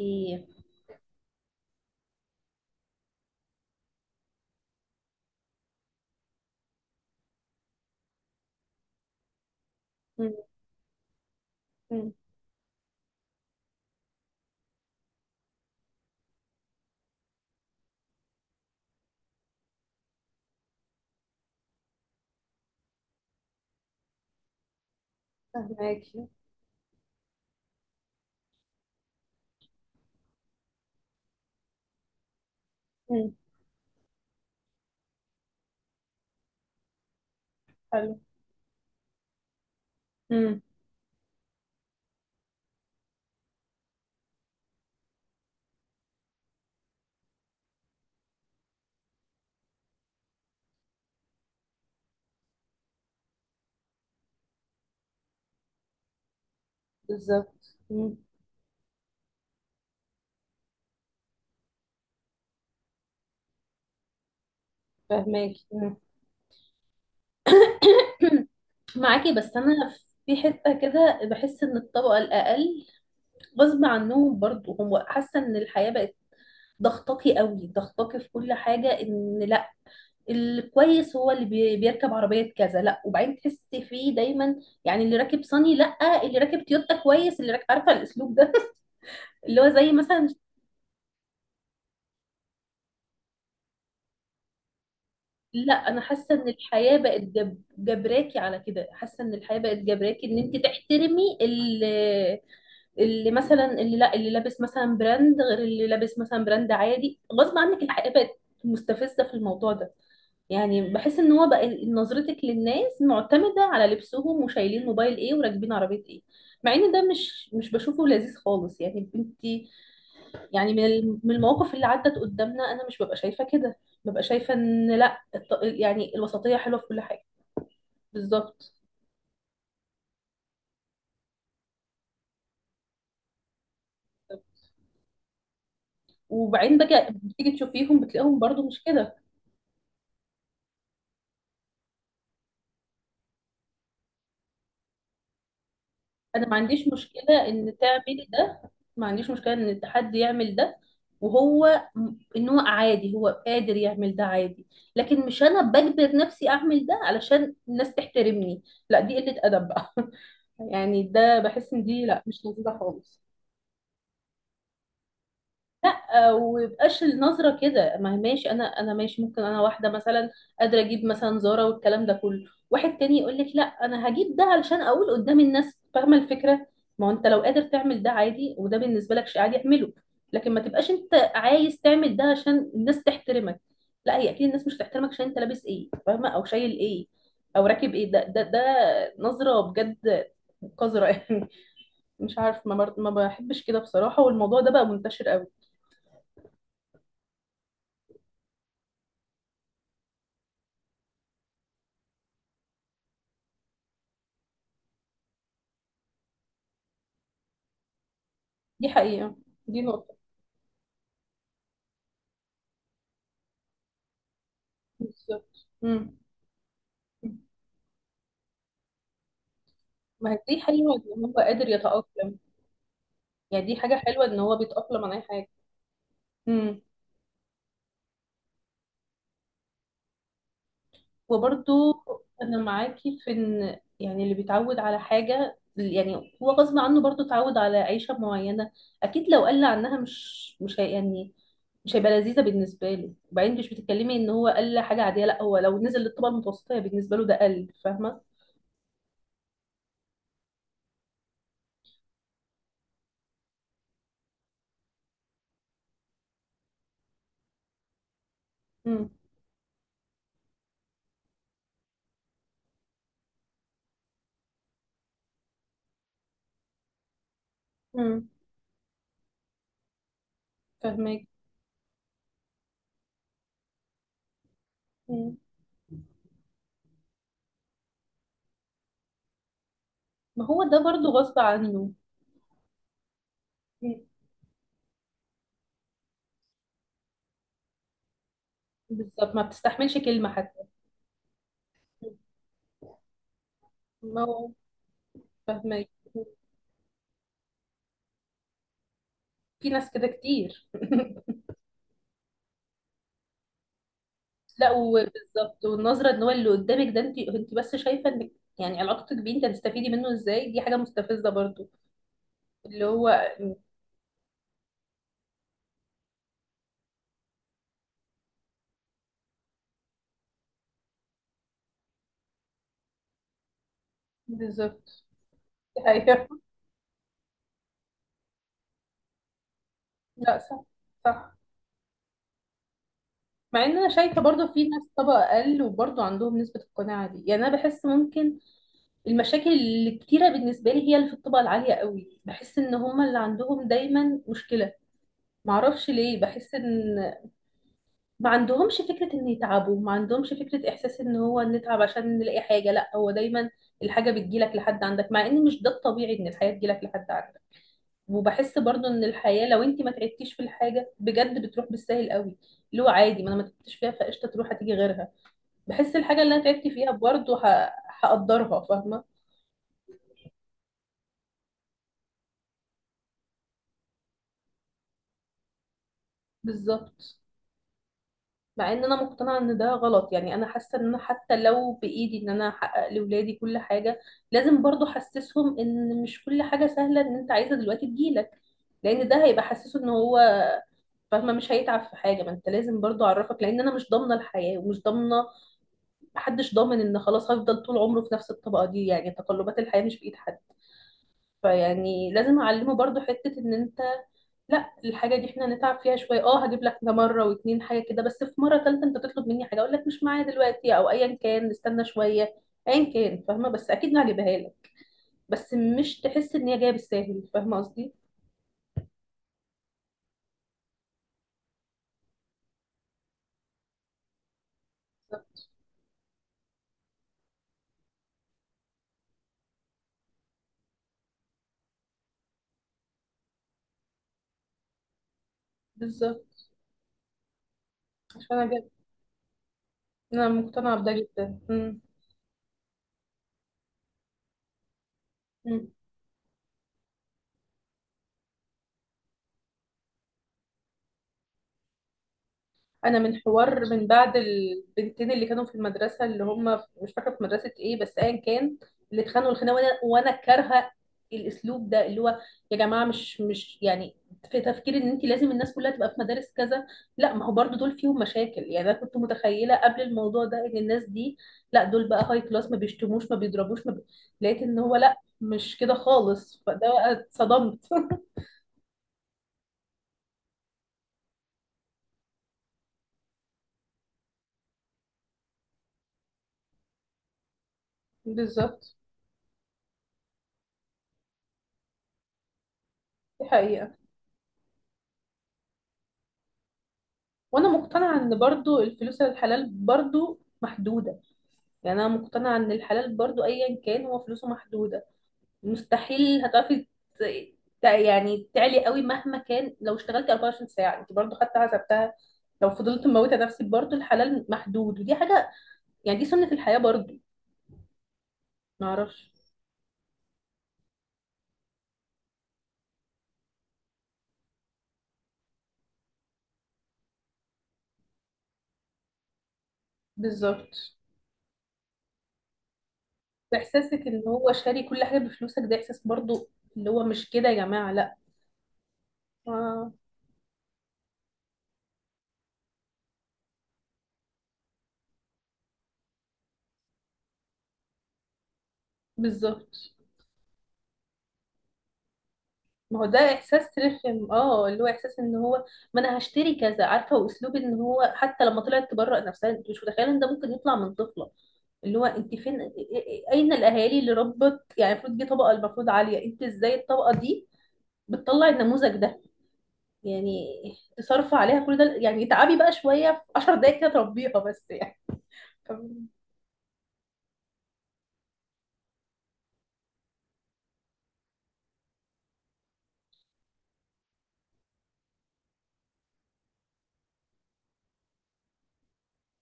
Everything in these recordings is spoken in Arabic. ايه. مم. مم. فهماكي. مم. حلو. مم. بالظبط، مم. فهماكي، مم. معاكي، بس انا في حته كده بحس ان الطبقه الاقل غصب عنهم برضو، هم حاسه ان الحياه بقت ضغطاكي قوي، ضغطاكي في كل حاجه. ان لا، الكويس هو اللي بيركب عربيه كذا، لا وبعدين تحسي فيه دايما. يعني اللي راكب صني لا، اللي راكب تويوتا كويس، اللي راكب عارفه الاسلوب ده. اللي هو زي مثلا، لا انا حاسه ان الحياه بقت جبراكي على كده، حاسه ان الحياه بقت جبراكي ان انت تحترمي اللي لابس مثلا براند، غير اللي لابس مثلا براند عادي، غصب عنك الحياه بقت مستفزه في الموضوع ده. يعني بحس ان هو بقى نظرتك للناس معتمده على لبسهم، وشايلين موبايل ايه، وراكبين عربيه ايه. مع ان ده مش بشوفه لذيذ خالص. يعني انت يعني من من المواقف اللي عدت قدامنا، انا مش ببقى شايفه كده، ببقى شايفه ان لا يعني الوسطيه حلوه في كل حاجه. بالظبط. وبعدين بتيجي تشوفيهم بتلاقيهم برضو مش كده. انا ما عنديش مشكله ان تعملي ده، ما عنديش مشكله ان الحد يعمل ده، وهو ان هو عادي، هو قادر يعمل ده عادي. لكن مش انا بجبر نفسي اعمل ده علشان الناس تحترمني، لا دي قله ادب بقى. يعني ده بحس ان دي لا مش لذيذه خالص. لا آه، ويبقاش النظره كده. ما هي ماشي، انا ماشي، ممكن انا واحده مثلا قادره اجيب مثلا زاره والكلام ده كله، واحد تاني يقول لك لا انا هجيب ده علشان اقول قدام الناس، فاهمه الفكره. ما هو انت لو قادر تعمل ده عادي، وده بالنسبه لك شيء عادي اعمله، لكن ما تبقاش انت عايز تعمل ده عشان الناس تحترمك. لا، هي اكيد الناس مش هتحترمك عشان انت لابس ايه، فاهمه، او شايل ايه، او راكب ايه. ده ده ده نظره بجد قذره يعني. مش عارف، ما بحبش كده بصراحه، والموضوع ده بقى منتشر قوي. دي حقيقة. دي نقطة. بالظبط، مم. ما هي دي حلوة إن هو قادر يتأقلم. يعني دي حاجة حلوة إن هو بيتأقلم على أي حاجة. مم. وبرضو أنا معاكي في إن يعني اللي بيتعود على حاجة، يعني هو غصب عنه برضو اتعود على عيشة معينة، أكيد لو قل عنها مش هي يعني، مش هيبقى لذيذة بالنسبة له. وبعدين مش بتتكلمي إن هو قل حاجة عادية، لأ هو لو نزل للطبقة المتوسطة هي بالنسبة له ده قل، فاهمة؟ مم. مم. فاهمك. مم. ما هو ده برضو غصب عنه. مم. بالظبط، ما بتستحملش كلمة حتى. مم. ما هو فاهمك. في ناس كده كتير. لا وبالظبط، والنظرة ان هو اللي قدامك ده، انت بس شايفة انك يعني علاقتك بيه انت هتستفيدي منه ازاي، دي حاجة مستفزة برضو. اللي هو بالظبط. ايوه. لا صح. صح. مع ان انا شايفة برضو في ناس طبقة اقل وبرضو عندهم نسبة القناعة دي. يعني انا بحس ممكن المشاكل الكتيرة بالنسبة لي، هي اللي في الطبقة العالية قوي، بحس ان هما اللي عندهم دايما مشكلة. معرفش ليه بحس ان ما عندهمش فكرة ان يتعبوا، ما عندهمش فكرة احساس ان هو نتعب عشان نلاقي حاجة، لا هو دايما الحاجة بتجيلك لحد عندك، مع ان مش ده الطبيعي ان الحياة تجيلك لحد عندك. وبحس برضو ان الحياة لو انت ما تعبتيش في الحاجة بجد بتروح بالسهل قوي، اللي هو عادي ما انا ما تعبتش فيها، فقشطة تروح هتيجي غيرها. بحس الحاجة اللي انا تعبت فيها برضو هقدرها، فاهمة. بالظبط. مع ان انا مقتنعه ان ده غلط. يعني انا حاسه ان انا حتى لو بايدي ان انا احقق لاولادي كل حاجه، لازم برضو احسسهم ان مش كل حاجه سهله، ان انت عايزه دلوقتي تجيلك، لان ده هيبقى حسسه ان هو فاهمه مش هيتعب في حاجه. ما انت لازم برضو اعرفك، لان انا مش ضامنه الحياه، ومش ضامنه، محدش ضامن ان خلاص هفضل طول عمره في نفس الطبقه دي. يعني تقلبات الحياه مش بايد حد، فيعني لازم اعلمه برضو حتة ان انت لا، الحاجة دي احنا هنتعب فيها شوية، اه هجيب لك ده مرة واتنين حاجة كده، بس في مرة تالتة انت تطلب مني حاجة اقول لك مش معايا دلوقتي، او ايا كان نستنى شوية، ايا كان، فاهمة، بس اكيد هجيبها لك، بس مش تحس ان هي جاية بالساهل، فاهمة قصدي. بالظبط. عشان انا جاية، انا مقتنعة بده جدا، مم. مم. انا من حوار من بعد البنتين اللي كانوا في المدرسه، اللي هم مش فاكره في مدرسه ايه، بس ايا كان، اللي اتخانقوا الخناقه، وانا كارهه الاسلوب ده، اللي هو يا جماعه، مش يعني في تفكير ان انت لازم الناس كلها تبقى في مدارس كذا. لا، ما هو برضو دول فيهم مشاكل. يعني انا كنت متخيله قبل الموضوع ده ان الناس دي، لا دول بقى هاي كلاس، ما بيشتموش، ما بيضربوش، ما بي... لقيت ان هو لا، مش كده خالص. فده بقى اتصدمت. بالظبط. دي حقيقه. وانا مقتنعه ان برضو الفلوس الحلال برضو محدوده، يعني انا مقتنعه ان الحلال برضو ايا كان هو فلوسه محدوده، مستحيل هتعرفي ت- يعني تعلي قوي مهما كان. لو اشتغلتي 24 ساعه انت برضو حتى حسبتها، لو فضلت مموته نفسك برضو الحلال محدود، ودي حاجه يعني دي سنه الحياه برضو، معرفش. بالظبط. احساسك ان هو شاري كل حاجه بفلوسك، ده احساس برضو اللي هو مش كده يا جماعه، لا. آه. بالظبط، ما هو ده احساس رخم. اه، اللي هو احساس ان هو ما انا هشتري كذا، عارفه، واسلوب ان هو حتى لما طلعت تبرأ نفسها، انت مش متخيله ان ده ممكن يطلع من طفله. اللي هو انت فين اين الاهالي اللي ربت؟ يعني المفروض دي طبقه المفروض عاليه، انت ازاي الطبقه دي بتطلع النموذج ده؟ يعني تصرف عليها كل ده، يعني اتعبي بقى شويه في 10 دقايق كده تربيها بس يعني. فم-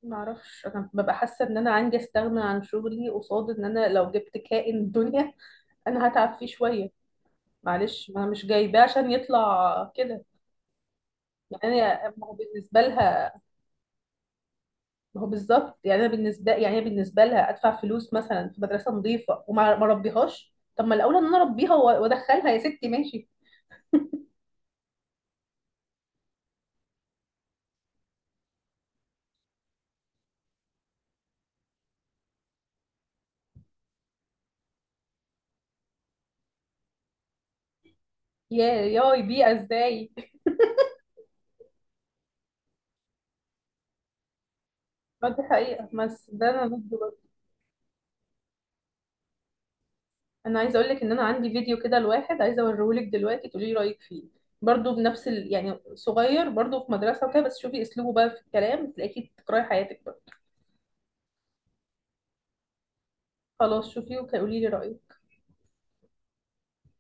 ما اعرفش، انا ببقى حاسه ان انا عندي استغنى عن شغلي قصاد ان انا لو جبت كائن الدنيا انا هتعب فيه شويه. معلش ما انا مش جايباه عشان يطلع كده. ما هو بالنسبه لها، ما هو بالظبط، يعني انا بالنسبه، يعني هي بالنسبه لها ادفع فلوس مثلا في مدرسه نظيفه وما ما ربيهاش، طب ما الاولى ان انا اربيها وادخلها يا ستي ماشي. يا ياي، بيئه ازاي! ما دي حقيقه، بس ده انا ضده برضه. انا عايزه اقول لك ان انا عندي فيديو كده لواحد، عايزه اوريه لك دلوقتي تقولي لي رايك فيه، برضه بنفس يعني صغير برضه في مدرسه وكده، بس شوفي اسلوبه بقى في الكلام، تلاقيكي تكرهي حياتك بقى. خلاص شوفي وقولي لي رايك.